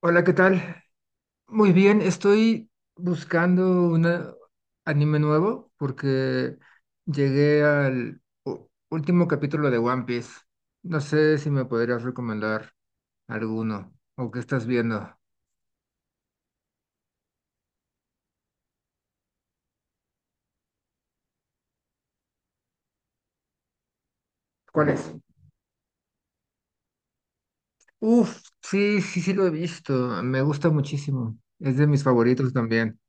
Hola, ¿qué tal? Muy bien, estoy buscando un anime nuevo porque llegué al último capítulo de One Piece. No sé si me podrías recomendar alguno o qué estás viendo. ¿Cuál es? Uf, sí, sí, sí lo he visto. Me gusta muchísimo. Es de mis favoritos también.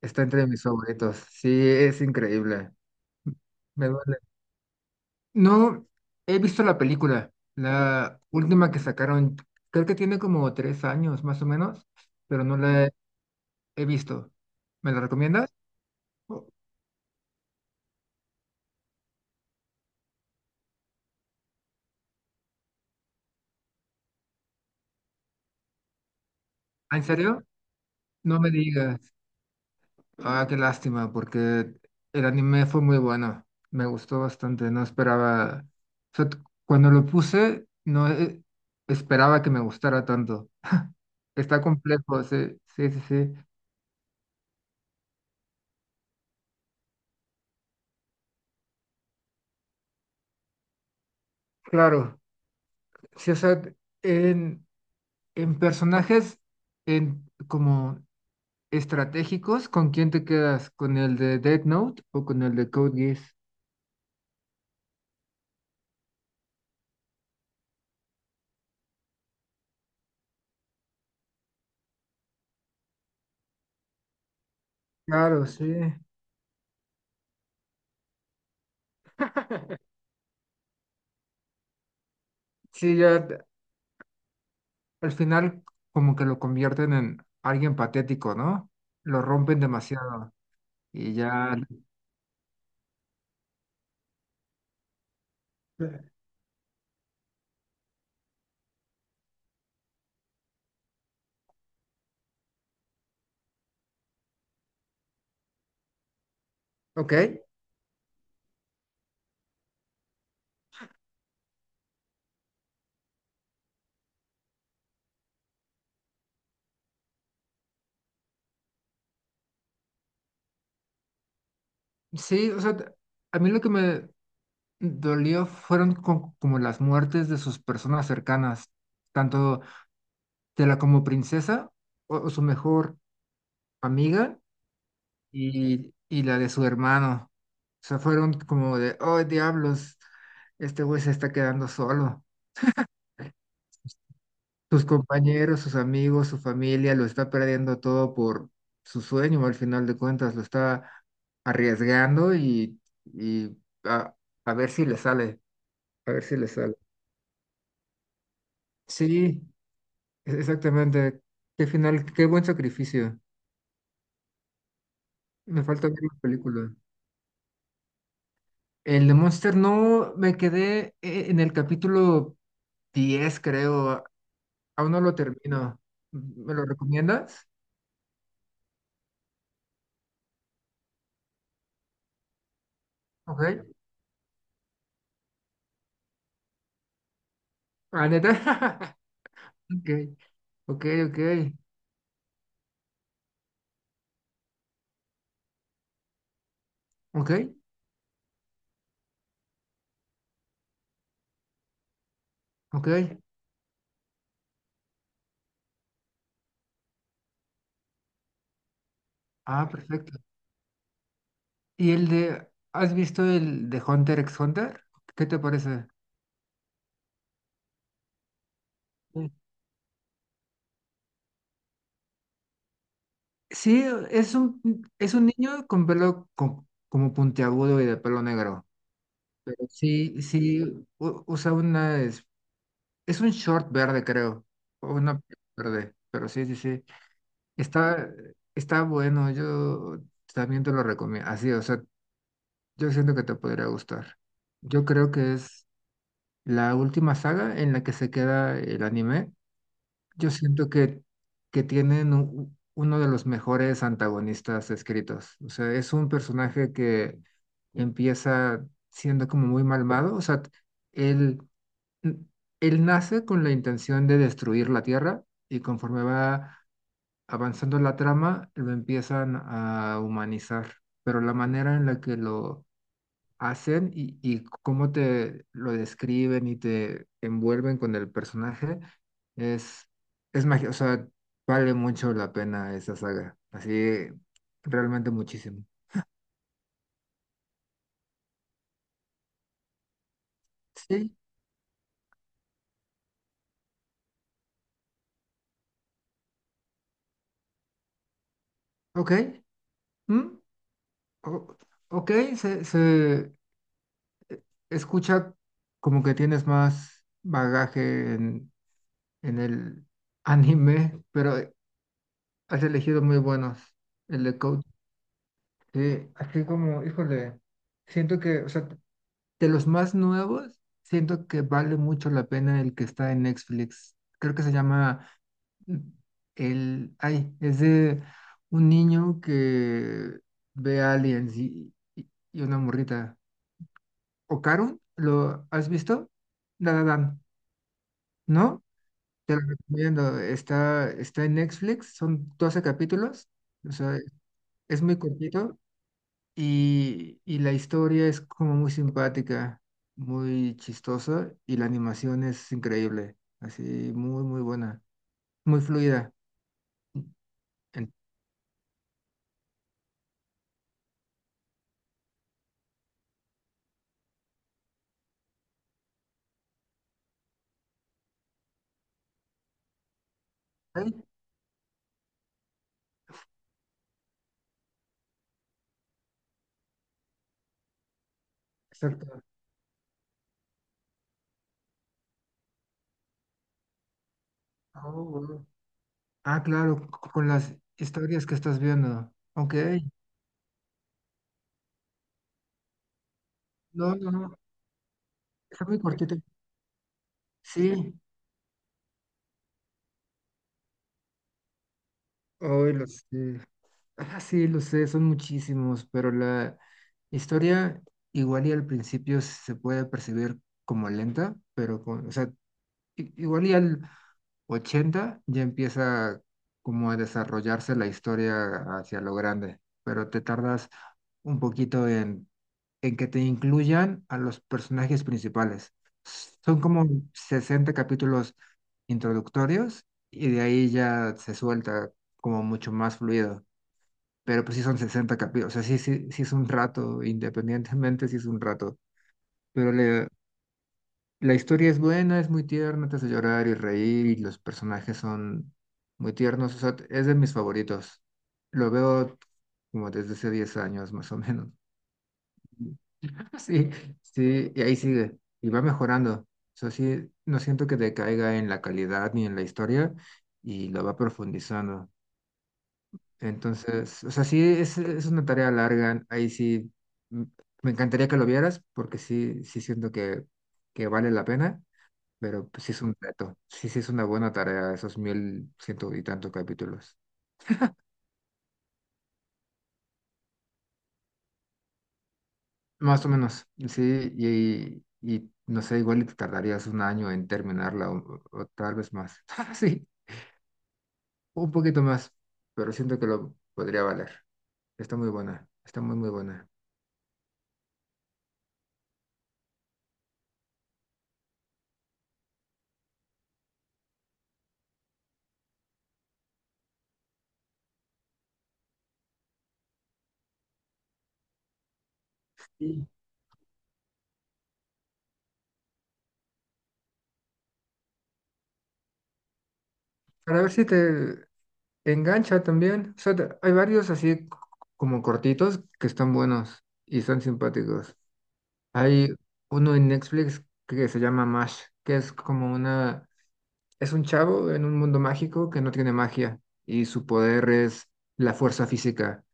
Está entre mis favoritos. Sí, es increíble. Me duele. No he visto la película, la última que sacaron, creo que tiene como 3 años más o menos, pero no la he visto. ¿Me la recomiendas? Oh, ah, ¿en serio? No me digas. Ah, qué lástima, porque el anime fue muy bueno, me gustó bastante, no esperaba, o sea, cuando lo puse, no esperaba que me gustara tanto. Está complejo, sí, sí, sí, sí. Claro, sí, o sea, en... En personajes en, como estratégicos, ¿con quién te quedas? ¿Con el de Death Note o con el de Code Geass? Claro, sí. Sí, ya al final como que lo convierten en alguien patético, ¿no? Lo rompen demasiado y ya. Ok, sí, o sea, a mí lo que me dolió fueron como las muertes de sus personas cercanas, tanto de la como princesa o su mejor amiga y la de su hermano. O sea, fueron como de, oh, diablos, este güey se está quedando solo. Sus compañeros, sus amigos, su familia, lo está perdiendo todo por su sueño, al final de cuentas, lo está arriesgando y a, a ver si le sale, a ver si le sale. Sí, exactamente. Qué final, qué buen sacrificio. Me falta ver la película. El de Monster no, me quedé en el capítulo 10 creo. Aún no lo termino. ¿Me lo recomiendas? Ok. Ah, neta. Ok, ok, ok. Ok, ok. Ah, perfecto. ¿Y el de, has visto el de Hunter x Hunter? ¿Qué te parece? Sí, sí, es un, es un niño con pelo como puntiagudo y de pelo negro. Pero sí, sí, usa una, es un short verde, creo. O una verde. Pero sí, sí, sí. Está, está bueno, yo también te lo recomiendo. Así, o sea, yo siento que te podría gustar. Yo creo que es la última saga en la que se queda el anime. Yo siento que tienen uno de los mejores antagonistas escritos. O sea, es un personaje que empieza siendo como muy malvado. O sea, él, él nace con la intención de destruir la Tierra y conforme va avanzando la trama, lo empiezan a humanizar, pero la manera en la que lo hacen y cómo te lo describen y te envuelven con el personaje es, es magia, o sea, vale mucho la pena esa saga, así realmente muchísimo. Sí, ok, mm, o- ok, se escucha como que tienes más bagaje en el anime, pero has elegido muy buenos. El de Coach. Sí, así como, híjole, siento que, o sea, de los más nuevos, siento que vale mucho la pena el que está en Netflix. Creo que se llama mm, el, ay, es de un niño que ve aliens y una morrita. ¿Ocarun? ¿Lo has visto? La La Land, ¿no? Te lo recomiendo. Está en Netflix, son 12 capítulos. O sea, es muy cortito. Y la historia es como muy simpática, muy chistosa y la animación es increíble, así muy, muy buena, muy fluida. En- Ay, exacto. Oh, wow. Ah, claro, con las historias que estás viendo. Ok. No, no, no, está muy cortito. Sí, hoy lo sé. Ah, sí, lo sé, son muchísimos, pero la historia igual y al principio se puede percibir como lenta, pero con, o sea, igual y al 80 ya empieza como a desarrollarse la historia hacia lo grande, pero te tardas un poquito en que te incluyan a los personajes principales. Son como 60 capítulos introductorios y de ahí ya se suelta como mucho más fluido. Pero pues sí son 60 capítulos, o sea, sí, sí, sí es un rato, independientemente sí es un rato, pero la historia es buena, es muy tierna, te hace llorar y reír y los personajes son muy tiernos. O sea, es de mis favoritos. Lo veo como desde hace 10 años más o menos. Sí, sí, y ahí sigue. Y va mejorando. O sea, sí, no siento que decaiga en la calidad ni en la historia y lo va profundizando. Entonces, o sea, sí, es una tarea larga. Ahí sí, mm, me encantaría que lo vieras porque sí, sí siento que vale la pena. Pero pues, sí es un reto. Sí, sí es una buena tarea, esos mil ciento y tantos capítulos. Más o menos, sí. Y no sé, igual y te tardarías un año en terminarla o tal vez más. Sí, un poquito más, pero siento que lo podría valer. Está muy buena, está muy, muy buena. Y para ver si te engancha también. O sea, hay varios así como cortitos que están buenos y son simpáticos. Hay uno en Netflix que se llama Mash, que es como es un chavo en un mundo mágico que no tiene magia y su poder es la fuerza física,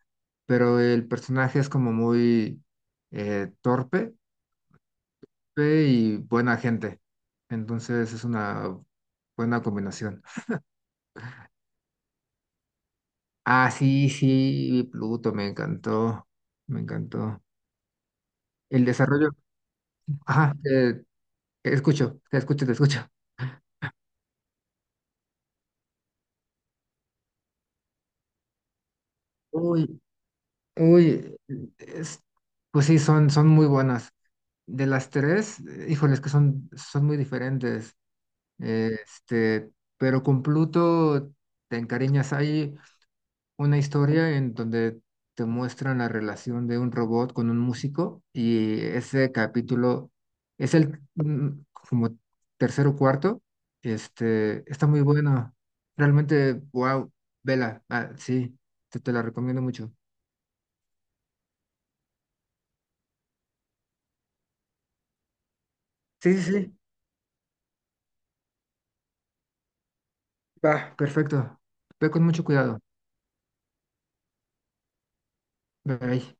pero el personaje es como muy torpe y buena gente. Entonces es una buena combinación. Ah, sí, sí, vi Pluto, me encantó, me encantó. El desarrollo, ajá, te escucho, te escucho, te escucho. Uy, Uy, es- pues sí, son muy buenas. De las tres, híjoles, que son muy diferentes. Este, pero con Pluto te encariñas. Hay una historia en donde te muestran la relación de un robot con un músico y ese capítulo es el como tercero o cuarto. Este, está muy bueno. Realmente, wow, vela. Ah, sí, te la recomiendo mucho. Sí, sí, sí. Va, perfecto. Ve con mucho cuidado. Bye.